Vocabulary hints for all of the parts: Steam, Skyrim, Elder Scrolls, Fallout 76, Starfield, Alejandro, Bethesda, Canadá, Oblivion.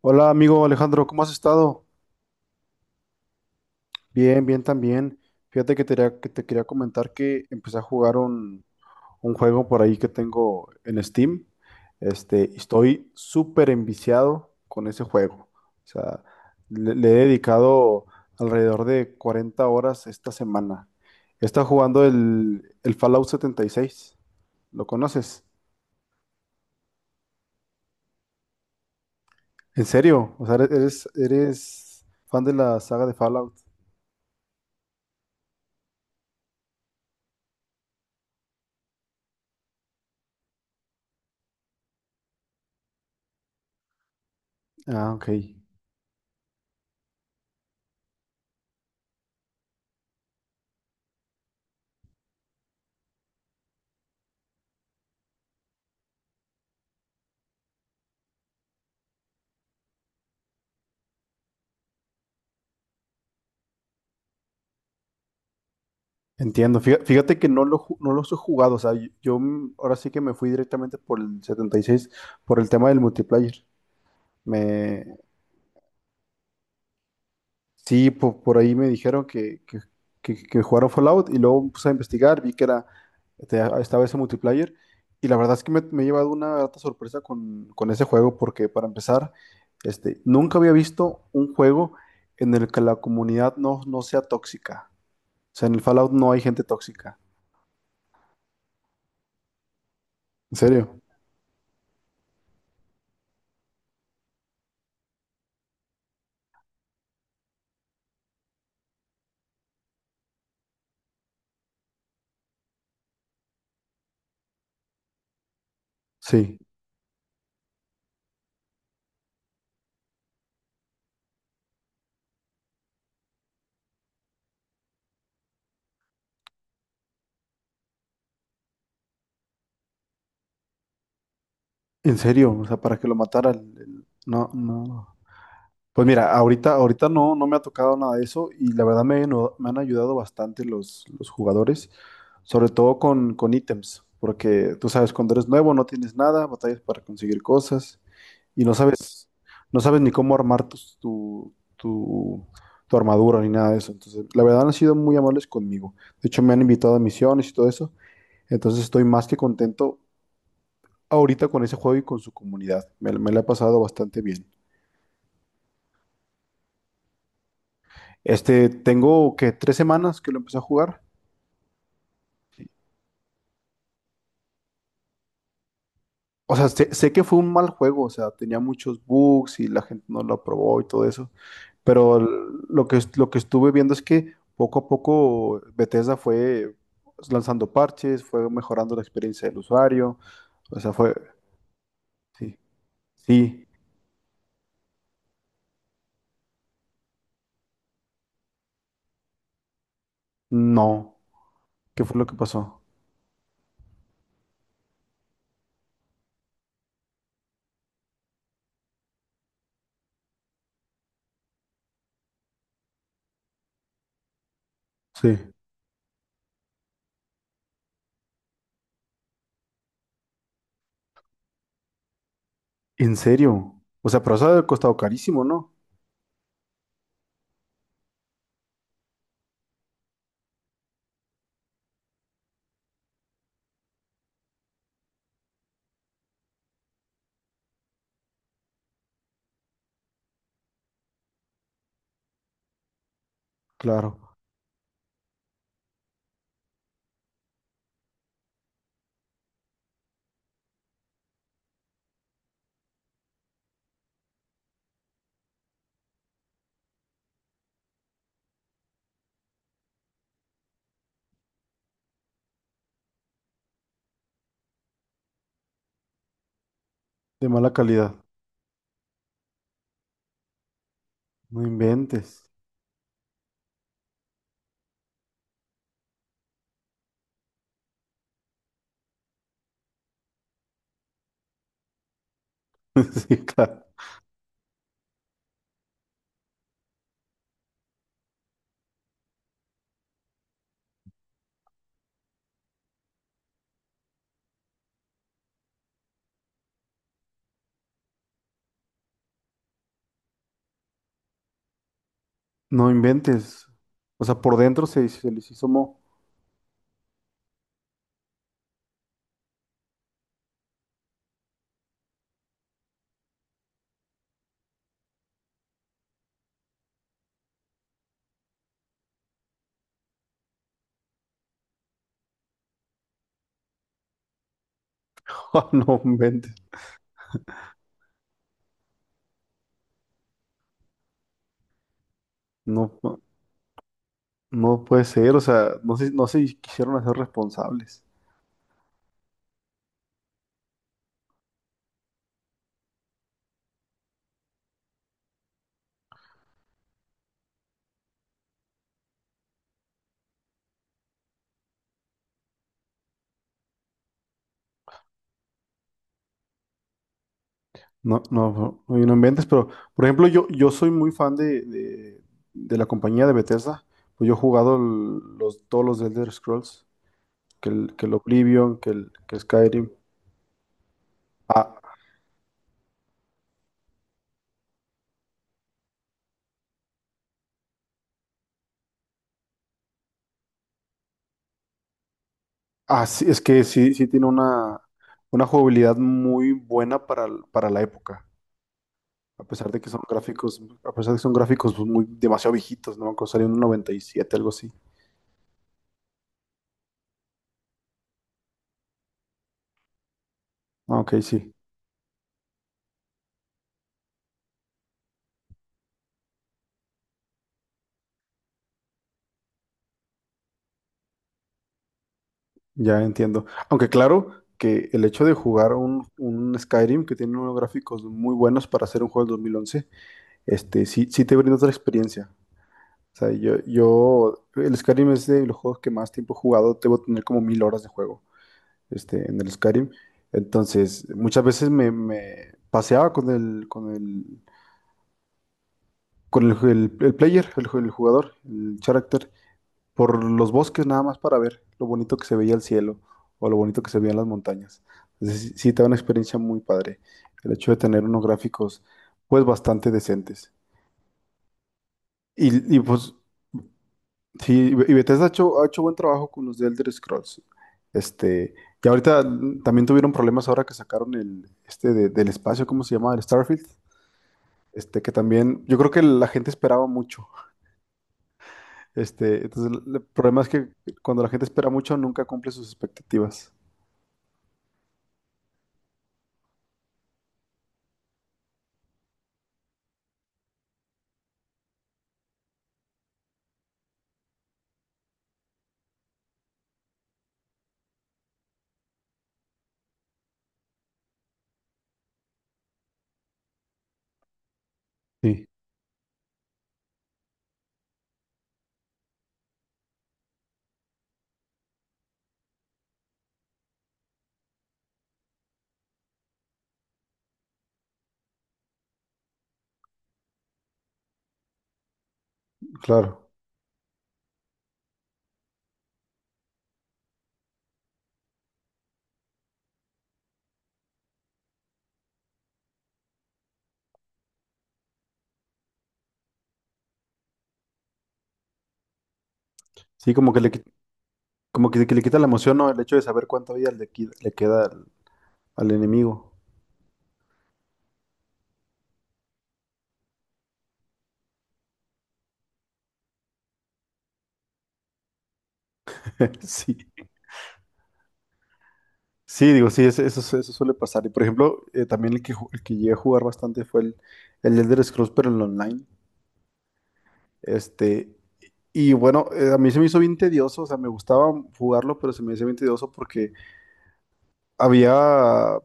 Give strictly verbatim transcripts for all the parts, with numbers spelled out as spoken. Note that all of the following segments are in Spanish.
Hola, amigo Alejandro, ¿cómo has estado? Bien, bien también. Fíjate que te quería, que te quería comentar que empecé a jugar un, un juego por ahí que tengo en Steam. Este, y estoy súper enviciado con ese juego. O sea, le, le he dedicado alrededor de cuarenta horas esta semana. Está jugando el, el Fallout setenta y seis. ¿Lo conoces? ¿En serio? O sea, eres, eres fan de la saga de Fallout. Ah, ok. Entiendo. Fí- Fíjate que no, lo, ju- no los he jugado. O sea, yo, yo, mm, ahora sí que me fui directamente por el setenta y seis por el tema del multiplayer. Me, sí, po- por, ahí me dijeron que, que, que, que jugaron Fallout y luego puse a investigar, vi que era, este, estaba ese multiplayer. Y la verdad es que me, me he llevado una grata sorpresa con, con ese juego porque para empezar, este, nunca había visto un juego en el que la comunidad no, no sea tóxica. O sea, en el Fallout no hay gente tóxica. ¿En serio? Sí. En serio, o sea, para que lo matara. el- el- No, no. Pues mira, ahorita, ahorita no, no me ha tocado nada de eso y la verdad me, han me han ayudado bastante los, los jugadores, sobre todo con, con ítems, porque tú sabes, cuando eres nuevo no tienes nada, batallas para conseguir cosas y no sabes, no sabes ni cómo armar tus- tu, tu, tu armadura ni nada de eso. Entonces, la verdad han sido muy amables conmigo. De hecho, me han invitado a misiones y todo eso. Entonces estoy más que contento ahorita con ese juego y con su comunidad. Me, me la he pasado bastante bien. Este, tengo que tres semanas que lo empecé a jugar. O sea, sé, sé que fue un mal juego, o sea, tenía muchos bugs y la gente no lo aprobó y todo eso. Pero l- lo que, est- lo que estuve viendo es que poco a poco Bethesda fue lanzando parches, fue mejorando la experiencia del usuario. O sea, fue... Sí. Sí. No. ¿Qué fue lo que pasó? Sí. ¿En serio? O sea, pero eso ha de haber costado carísimo, ¿no? Claro. De mala calidad. No inventes. Sí, claro. No inventes. O sea, por dentro se, se les hizo mo. Ah, no inventes. No, no, no puede ser. O sea, no se, no se quisieron hacer responsables. No, no, no, no, y no inventes. Pero, por ejemplo, yo, yo soy muy fan de, de, de la compañía de Bethesda. Pues yo he jugado el- los, todos los Elder Scrolls. Que el, que el Oblivion, que el, que Skyrim. A- Ah, sí, es que sí, sí tiene una, una jugabilidad muy buena para, el- para la época. A pesar de que son gráficos, a pesar de que son gráficos pues, muy demasiado viejitos, ¿no? Cuando salió en el noventa y siete, algo así. Ah, ok, sí, ya entiendo. Aunque claro que el hecho de jugar un, un Skyrim que tiene unos gráficos muy buenos para hacer un juego del dos mil once, este, sí, sí te brinda otra experiencia. O sea, yo, yo, el Skyrim es de los juegos que más tiempo he jugado, debo tener como mil horas de juego. Este, en el Skyrim. Entonces, muchas veces me, me paseaba con el, con el, con el, el- el player, el, el jugador, el character, por los bosques nada más para ver lo bonito que se veía el cielo o lo bonito que se veían las montañas. Entonces, sí, sí te da una experiencia muy padre el hecho de tener unos gráficos pues bastante decentes. Y, y, pues sí, y Be- y Bethesda ha hecho, ha hecho buen trabajo con los de Elder Scrolls. Este, y ahorita mm, también tuvieron problemas ahora que sacaron el este de- del espacio, ¿cómo se llama? El Starfield. Este, que también, yo creo que la gente esperaba mucho. Este, entonces el el problema es que cuando la gente espera mucho, nunca cumple sus expectativas. Sí. Claro. Sí, como que le, qui- como que, que le quita la emoción, ¿no? El hecho de saber cuánta vida le, qui- le queda al, al enemigo. Sí. Sí, digo, sí, eso, eso, eso suele pasar. Y por ejemplo, eh, también el que, ju- el que llegué a jugar bastante fue el, el Elder Scrolls, pero en online. Este, y bueno, eh, a mí se me hizo bien tedioso, o sea, me gustaba jugarlo, pero se me hizo bien tedioso porque había,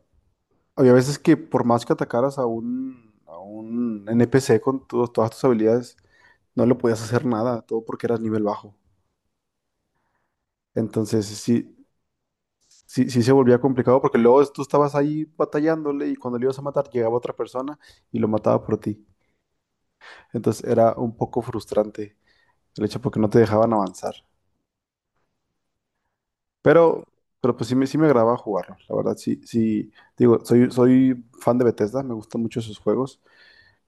había veces que por más que atacaras a un, a un N P C con tu- todas tus habilidades, no le podías hacer nada, todo porque eras nivel bajo. Entonces, sí, sí, sí se volvía complicado porque luego tú estabas ahí batallándole y cuando le ibas a matar llegaba otra persona y lo mataba por ti. Entonces era un poco frustrante el hecho porque no te dejaban avanzar. Pero, pero pues sí me, sí me agradaba jugarlo. La verdad, sí, sí, digo, soy, soy fan de Bethesda, me gustan mucho sus juegos.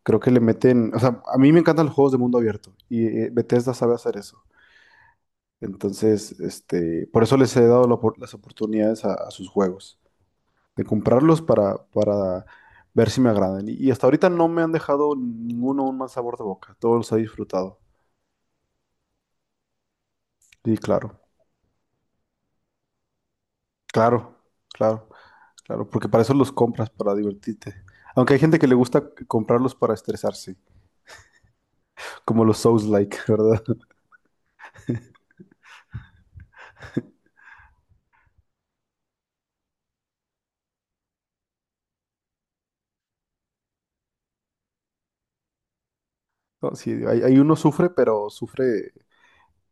Creo que le meten, o sea, a mí me encantan los juegos de mundo abierto y eh, Bethesda sabe hacer eso. Entonces, este, por eso les he dado la opor- las oportunidades a a sus juegos, de comprarlos para, para ver si me agradan. Y, y hasta ahorita no me han dejado ninguno un mal sabor de boca. Todos los he disfrutado. Sí, claro, claro, claro, claro, porque para eso los compras, para divertirte. Aunque hay gente que le gusta comprarlos para estresarse, como los Souls-like, ¿verdad? No, sí, hay, hay uno sufre, pero sufre.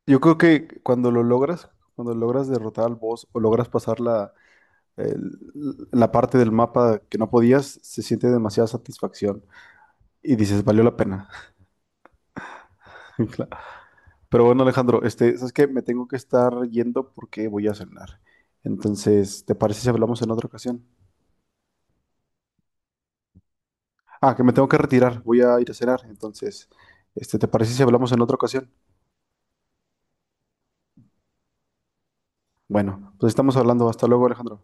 Yo creo que cuando lo logras, cuando logras derrotar al boss o logras pasar la, el- la parte del mapa que no podías, se siente demasiada satisfacción y dices, valió la pena. Claro. Pero bueno, Alejandro, este, sabes que me tengo que estar yendo porque voy a cenar. Entonces, ¿te parece si hablamos en otra ocasión? Ah, que me tengo que retirar, voy a ir a cenar. Entonces, este, ¿te parece si hablamos en otra ocasión? Bueno, pues estamos hablando. Hasta luego, Alejandro.